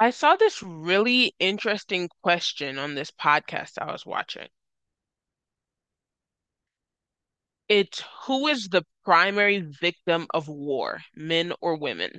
I saw this really interesting question on this podcast I was watching. It's who is the primary victim of war, men or women?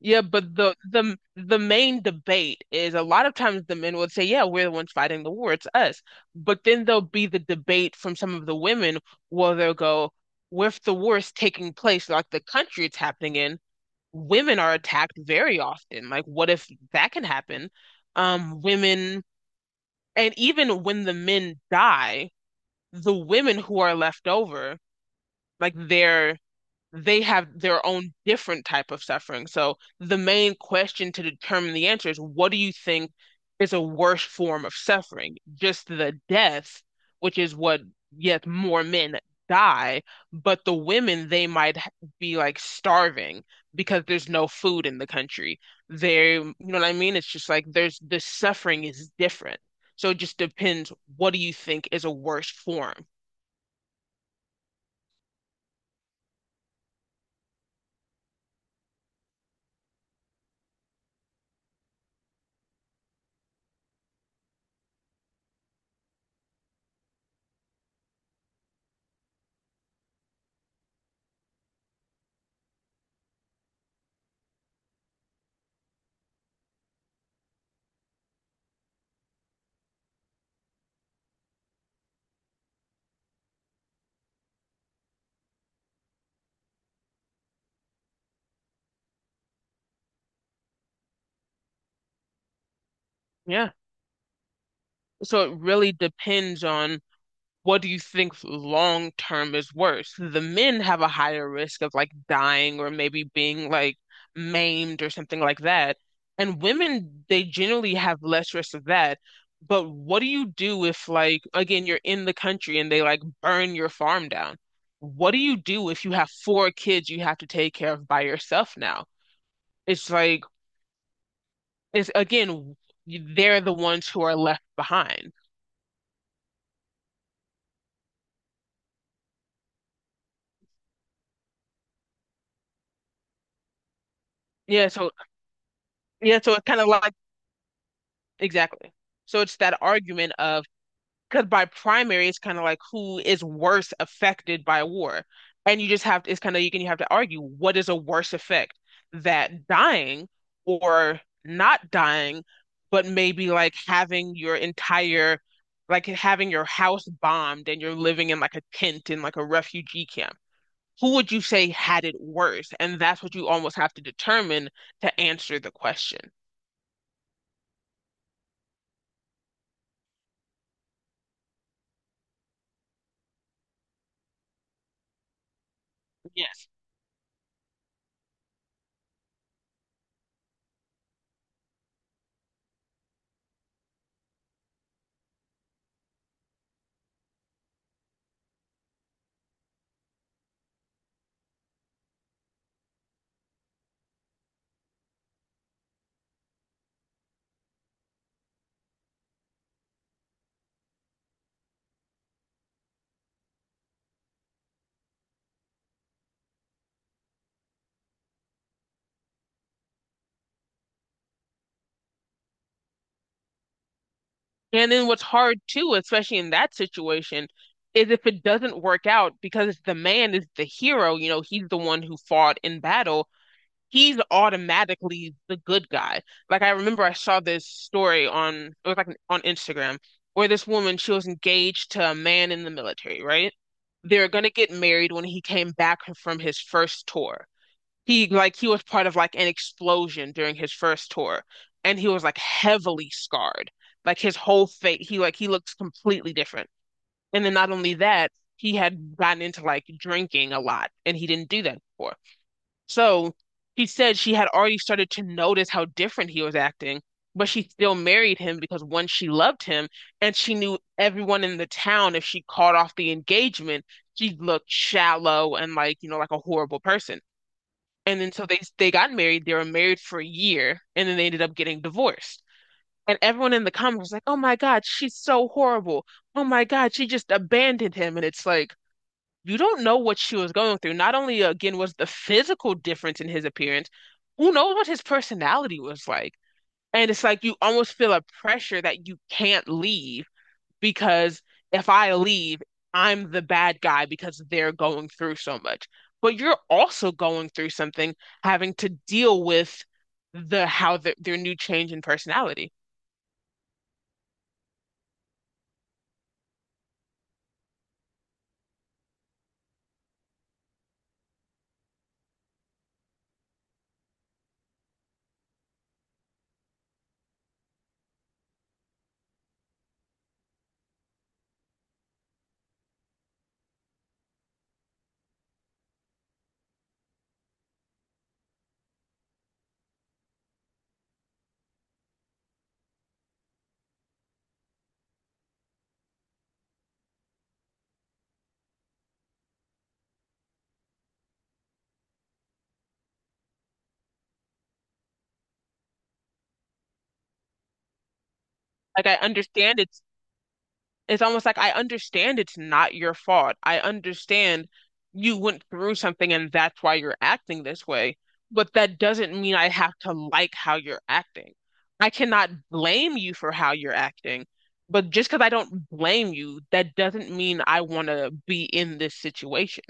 Yeah, but the main debate is a lot of times the men would say, "Yeah, we're the ones fighting the war, it's us." But then there'll be the debate from some of the women where they'll go, "Well, if the war is taking place, like the country it's happening in, women are attacked very often. Like, what if that can happen?" Women And even when the men die, the women who are left over, like they have their own different type of suffering. So the main question to determine the answer is what do you think is a worse form of suffering? Just the death, which is what, yes, more men die, but the women, they might be like starving because there's no food in the country. You know what I mean? It's just like the suffering is different. So it just depends, what do you think is a worse form? Yeah. So it really depends on what do you think long term is worse? The men have a higher risk of like dying or maybe being like maimed or something like that. And women, they generally have less risk of that. But what do you do if like again you're in the country and they like burn your farm down? What do you do if you have four kids you have to take care of by yourself now? It's like it's again they're the ones who are left behind. Yeah, so yeah, so it's kind of like. Exactly. So it's that argument of, because by primary it's kind of like who is worse affected by war, and you just have to, it's kind of you have to argue what is a worse effect, that dying or not dying, but maybe like having your entire like having your house bombed and you're living in like a tent in like a refugee camp. Who would you say had it worse? And that's what you almost have to determine to answer the question. Yes. And then what's hard too, especially in that situation, is if it doesn't work out because the man is the hero, he's the one who fought in battle, he's automatically the good guy. Like I remember I saw this story on it was like an- on Instagram, where this woman, she was engaged to a man in the military, right? They were gonna get married when he came back from his first tour. He was part of like an explosion during his first tour, and he was like heavily scarred. Like his whole face, he looked completely different. And then not only that, he had gotten into like drinking a lot, and he didn't do that before. So he said she had already started to notice how different he was acting, but she still married him because one, she loved him, and she knew everyone in the town, if she caught off the engagement, she looked shallow and like a horrible person. And then so they got married. They were married for a year, and then they ended up getting divorced. And everyone in the comments was like, "Oh my God, she's so horrible. Oh my God, she just abandoned him." And it's like you don't know what she was going through. Not only again was the physical difference in his appearance, who knows what his personality was like? And it's like you almost feel a pressure that you can't leave because if I leave, I'm the bad guy because they're going through so much. But you're also going through something, having to deal with their new change in personality. Like I understand, it's almost like I understand it's not your fault. I understand you went through something and that's why you're acting this way, but that doesn't mean I have to like how you're acting. I cannot blame you for how you're acting, but just because I don't blame you, that doesn't mean I want to be in this situation.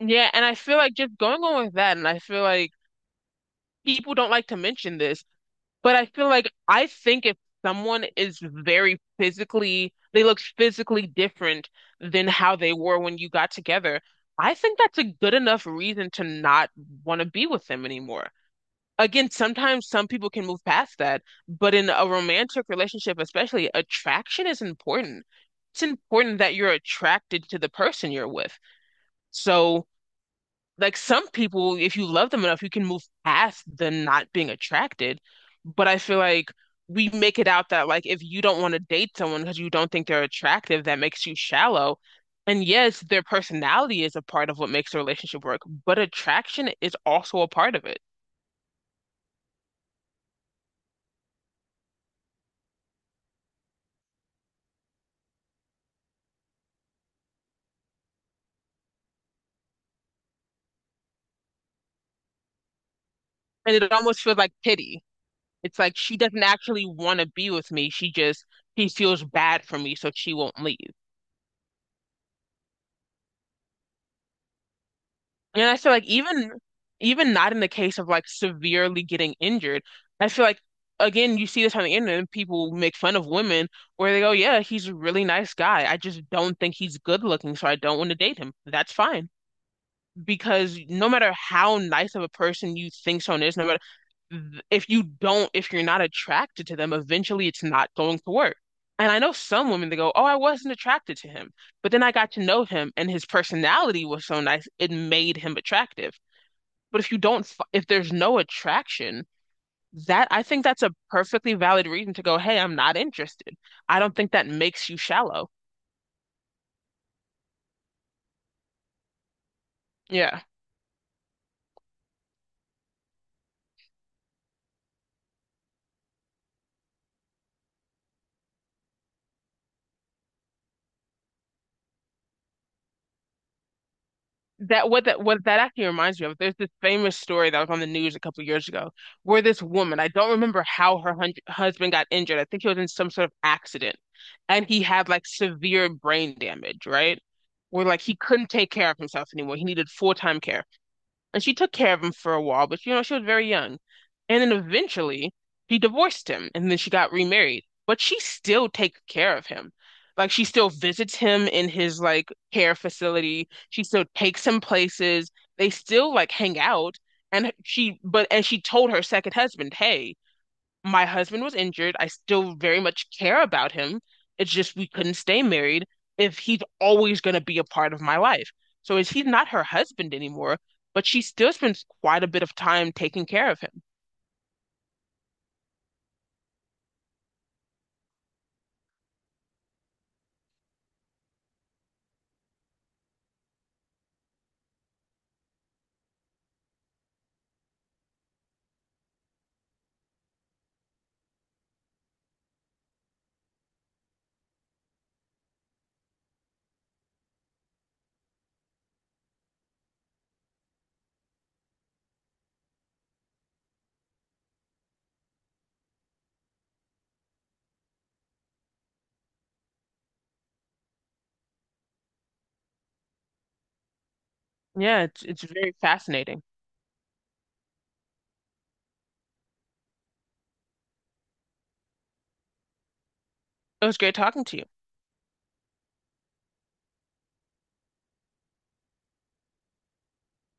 Yeah, and I feel like just going on with that, and I feel like people don't like to mention this. But I feel like I think if someone is very physically, they look physically different than how they were when you got together, I think that's a good enough reason to not want to be with them anymore. Again, sometimes some people can move past that, but in a romantic relationship, especially, attraction is important. It's important that you're attracted to the person you're with. So, like some people, if you love them enough, you can move past the not being attracted. But I feel like we make it out that like if you don't want to date someone because you don't think they're attractive, that makes you shallow. And yes, their personality is a part of what makes a relationship work, but attraction is also a part of it. And it almost feels like pity. It's like she doesn't actually want to be with me. She feels bad for me, so she won't leave. And I feel like even not in the case of like severely getting injured, I feel like again you see this on the internet and people make fun of women where they go, yeah, he's a really nice guy. I just don't think he's good looking, so I don't want to date him. That's fine. Because no matter how nice of a person you think someone is, no matter if you're not attracted to them, eventually it's not going to work. And I know some women that go, oh, I wasn't attracted to him. But then I got to know him and his personality was so nice, it made him attractive. But if you don't, f- if there's no attraction, that I think that's a perfectly valid reason to go, hey, I'm not interested. I don't think that makes you shallow. Yeah. That actually reminds me of, there's this famous story that was on the news a couple of years ago where this woman, I don't remember how her hun husband got injured. I think he was in some sort of accident and he had like severe brain damage, right? Where like he couldn't take care of himself anymore. He needed full-time care. And she took care of him for a while, but she was very young. And then eventually he divorced him and then she got remarried. But she still takes care of him. Like she still visits him in his like care facility. She still takes him places. They still like hang out. And she told her second husband, hey, my husband was injured. I still very much care about him. It's just we couldn't stay married if he's always going to be a part of my life. So is he's not her husband anymore, but she still spends quite a bit of time taking care of him. Yeah, it's very fascinating. It was great talking to you.